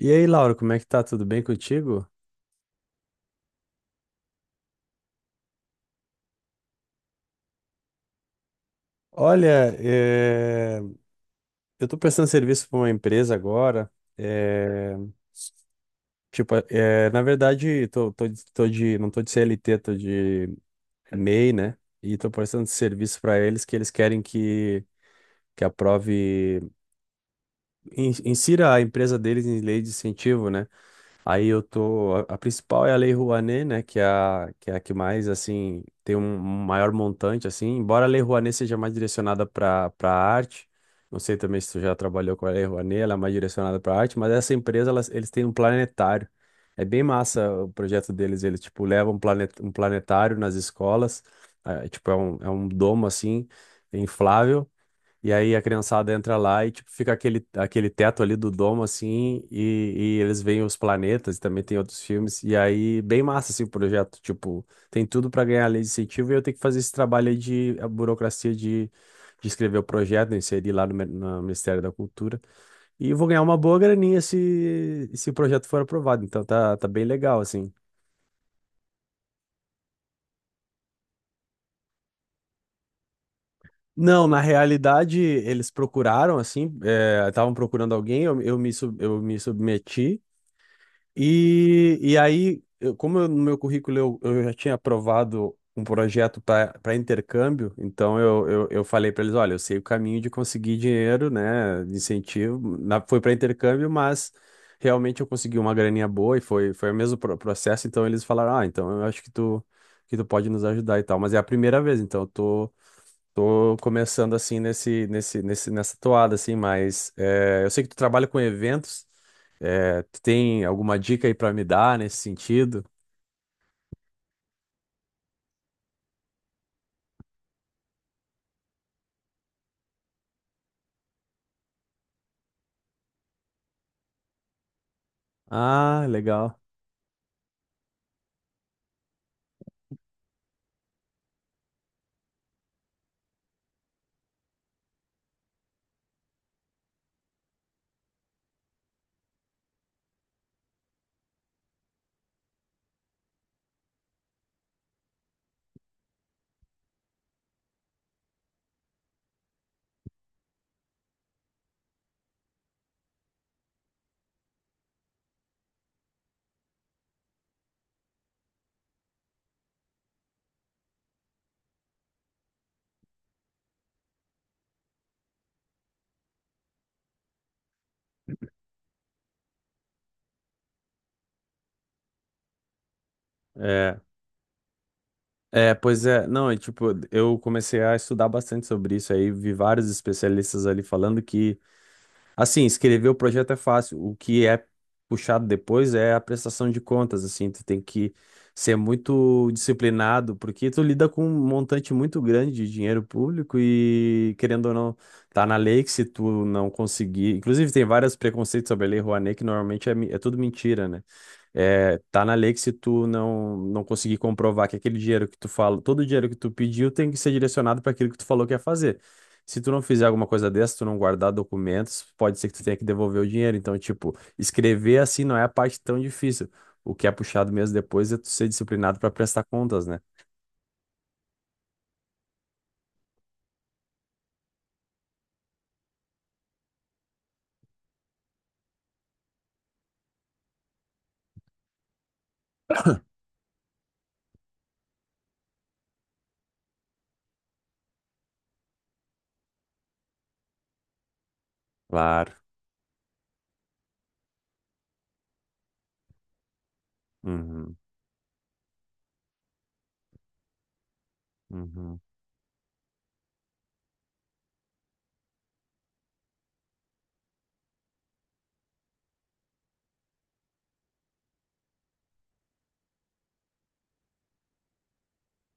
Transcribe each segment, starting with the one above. E aí, Laura, como é que tá? Tudo bem contigo? Olha, eu tô prestando serviço para uma empresa agora. eh, Tipo, na verdade, não tô de CLT, tô de MEI, né? E tô prestando serviço para eles que eles querem que aprove, insira a empresa deles em lei de incentivo, né? Aí eu tô. A principal é a Lei Rouanet, né? É a que mais, assim, tem um maior montante, assim. Embora a Lei Rouanet seja mais direcionada para arte, não sei também se tu já trabalhou com a Lei Rouanet, ela é mais direcionada para arte, mas essa empresa, eles têm um planetário. É bem massa o projeto deles. Eles, tipo, levam um planetário nas escolas, ah, tipo, é um domo, assim, inflável. E aí a criançada entra lá e tipo, fica aquele teto ali do domo, assim, e eles veem os planetas, e também tem outros filmes, e aí bem massa assim, o projeto, tipo, tem tudo para ganhar a lei de incentivo e eu tenho que fazer esse trabalho aí de a burocracia de escrever o projeto, né, inserir lá no, no Ministério da Cultura, e vou ganhar uma boa graninha se o projeto for aprovado, então tá bem legal, assim. Não, na realidade eles procuraram, assim, estavam procurando alguém, eu me submeti. E aí, eu- como eu- no meu currículo eu já tinha aprovado um projeto para intercâmbio, então eu falei para eles: olha, eu sei o caminho de conseguir dinheiro, né, de incentivo. Foi para intercâmbio, mas realmente eu consegui uma graninha boa e foi o mesmo processo. Então eles falaram: ah, então eu acho que tu pode nos ajudar e tal. Mas é a primeira vez, então eu tô. Tô começando assim nessa toada, assim, mas é, eu sei que tu trabalha com eventos. É, tu tem alguma dica aí pra me dar nesse sentido? Ah, legal. É, pois é, não, é tipo, eu comecei a estudar bastante sobre isso aí, vi vários especialistas ali falando que assim, escrever o projeto é fácil. O que é puxado depois é a prestação de contas, assim, tu tem que ser muito disciplinado, porque tu lida com um montante muito grande de dinheiro público e, querendo ou não, tá na lei que se tu não conseguir, inclusive tem vários preconceitos sobre a Lei Rouanet, que normalmente é tudo mentira, né? É, tá na lei que se tu não conseguir comprovar que aquele dinheiro que tu fala, todo o dinheiro que tu pediu tem que ser direcionado para aquilo que tu falou que ia fazer. Se tu não fizer alguma coisa dessa, tu não guardar documentos, pode ser que tu tenha que devolver o dinheiro. Então, tipo, escrever assim não é a parte tão difícil. O que é puxado mesmo depois é tu ser disciplinado para prestar contas, né? Claro. Uhum, uhum.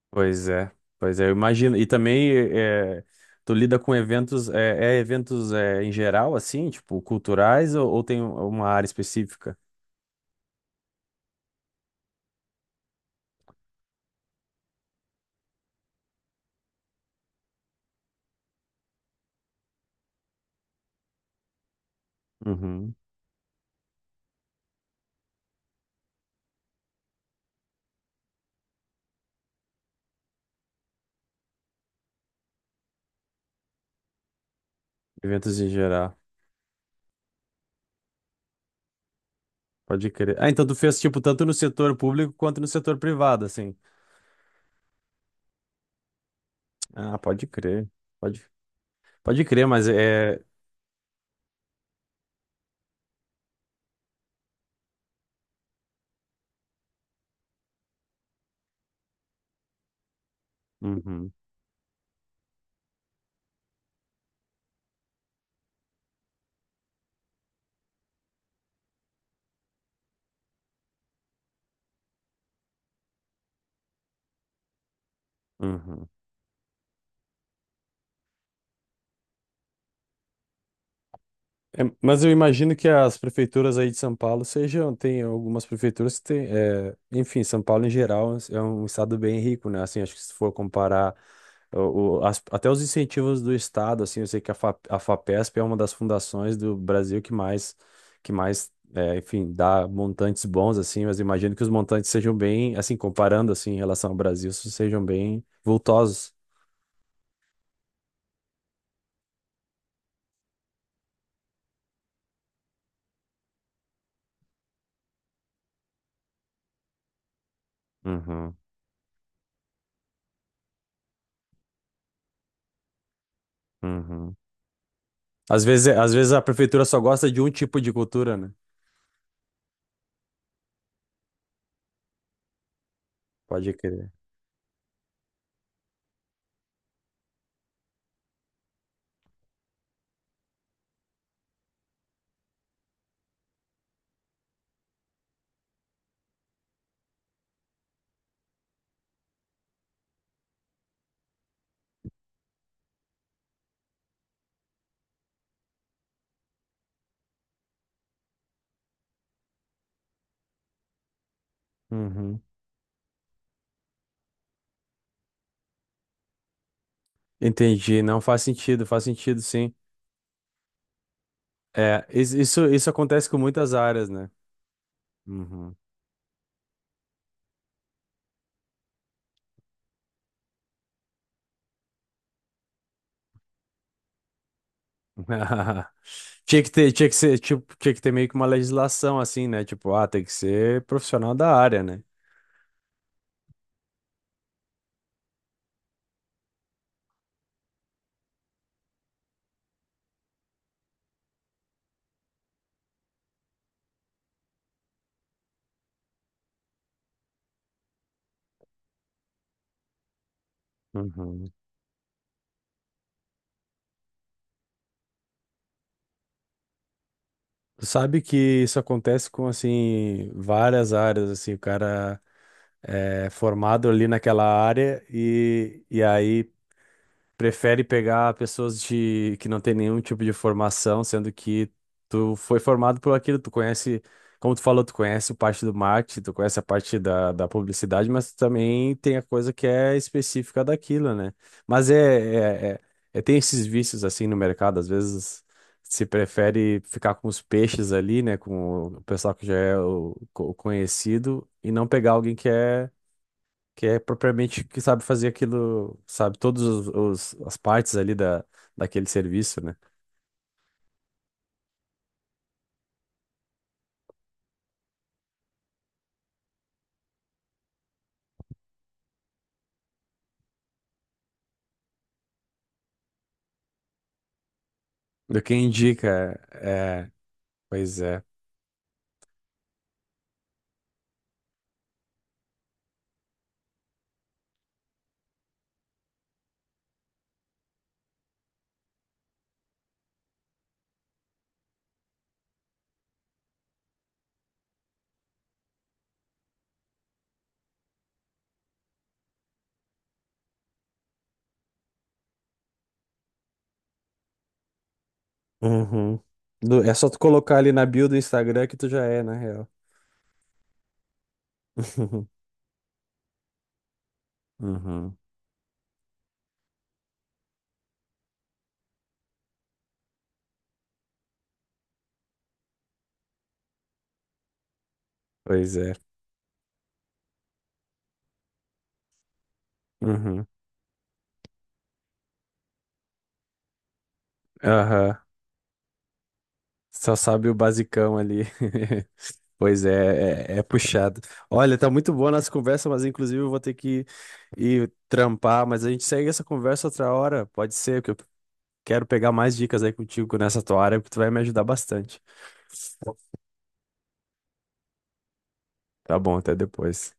Pois é, pois é, eu imagino. E também é, tu lida com eventos, é, é eventos é, em geral, assim, tipo, culturais ou tem uma área específica? Uhum. Eventos em geral. Pode crer. Ah, então tu fez, tipo, tanto no setor público quanto no setor privado, assim. Ah, pode crer. Pode, pode crer, mas é. Uhum, uhum. É, mas eu imagino que as prefeituras aí de São Paulo sejam, tem algumas prefeituras que tem, é, enfim, São Paulo em geral é um estado bem rico, né? Assim, acho que se for comparar até os incentivos do estado, assim, eu sei que a FAPESP é uma das fundações do Brasil que mais, é, enfim, dá montantes bons, assim, mas imagino que os montantes sejam bem, assim, comparando, assim, em relação ao Brasil, sejam bem vultosos. Uhum, uhum. Às vezes, é, às vezes a prefeitura só gosta de um tipo de cultura, né? Pode crer. Uhum. Entendi. Não faz sentido, faz sentido, sim. É, isso, isso acontece com muitas áreas, né? Uhum. Tinha que ter, tinha que ser, tipo, tinha que ter meio que uma legislação assim, né? Tipo, ah, tem que ser profissional da área, né? Uhum. Sabe que isso acontece com, assim, várias áreas, assim, o cara é formado ali naquela área e aí prefere pegar pessoas de que não tem nenhum tipo de formação, sendo que tu foi formado por aquilo, tu conhece, como tu falou, tu conhece parte do marketing, tu conhece a parte da, da publicidade, mas tu também tem a coisa que é específica daquilo, né? Mas tem esses vícios assim no mercado, às vezes se prefere ficar com os peixes ali, né, com o pessoal que já é conhecido e não pegar alguém que é propriamente que sabe fazer aquilo, sabe, as partes ali da, daquele serviço, né? Do que indica, é, pois é. Uhum. É só tu colocar ali na bio do Instagram que tu já é, na real. Uhum. Pois é. Uhum. Aham. Só sabe o basicão ali. Pois é, é, é puxado. Olha, tá muito boa a nossa conversa, mas inclusive eu vou ter que ir trampar, mas a gente segue essa conversa outra hora, pode ser, porque eu quero pegar mais dicas aí contigo nessa tua área, porque tu vai me ajudar bastante. Tá bom, até depois.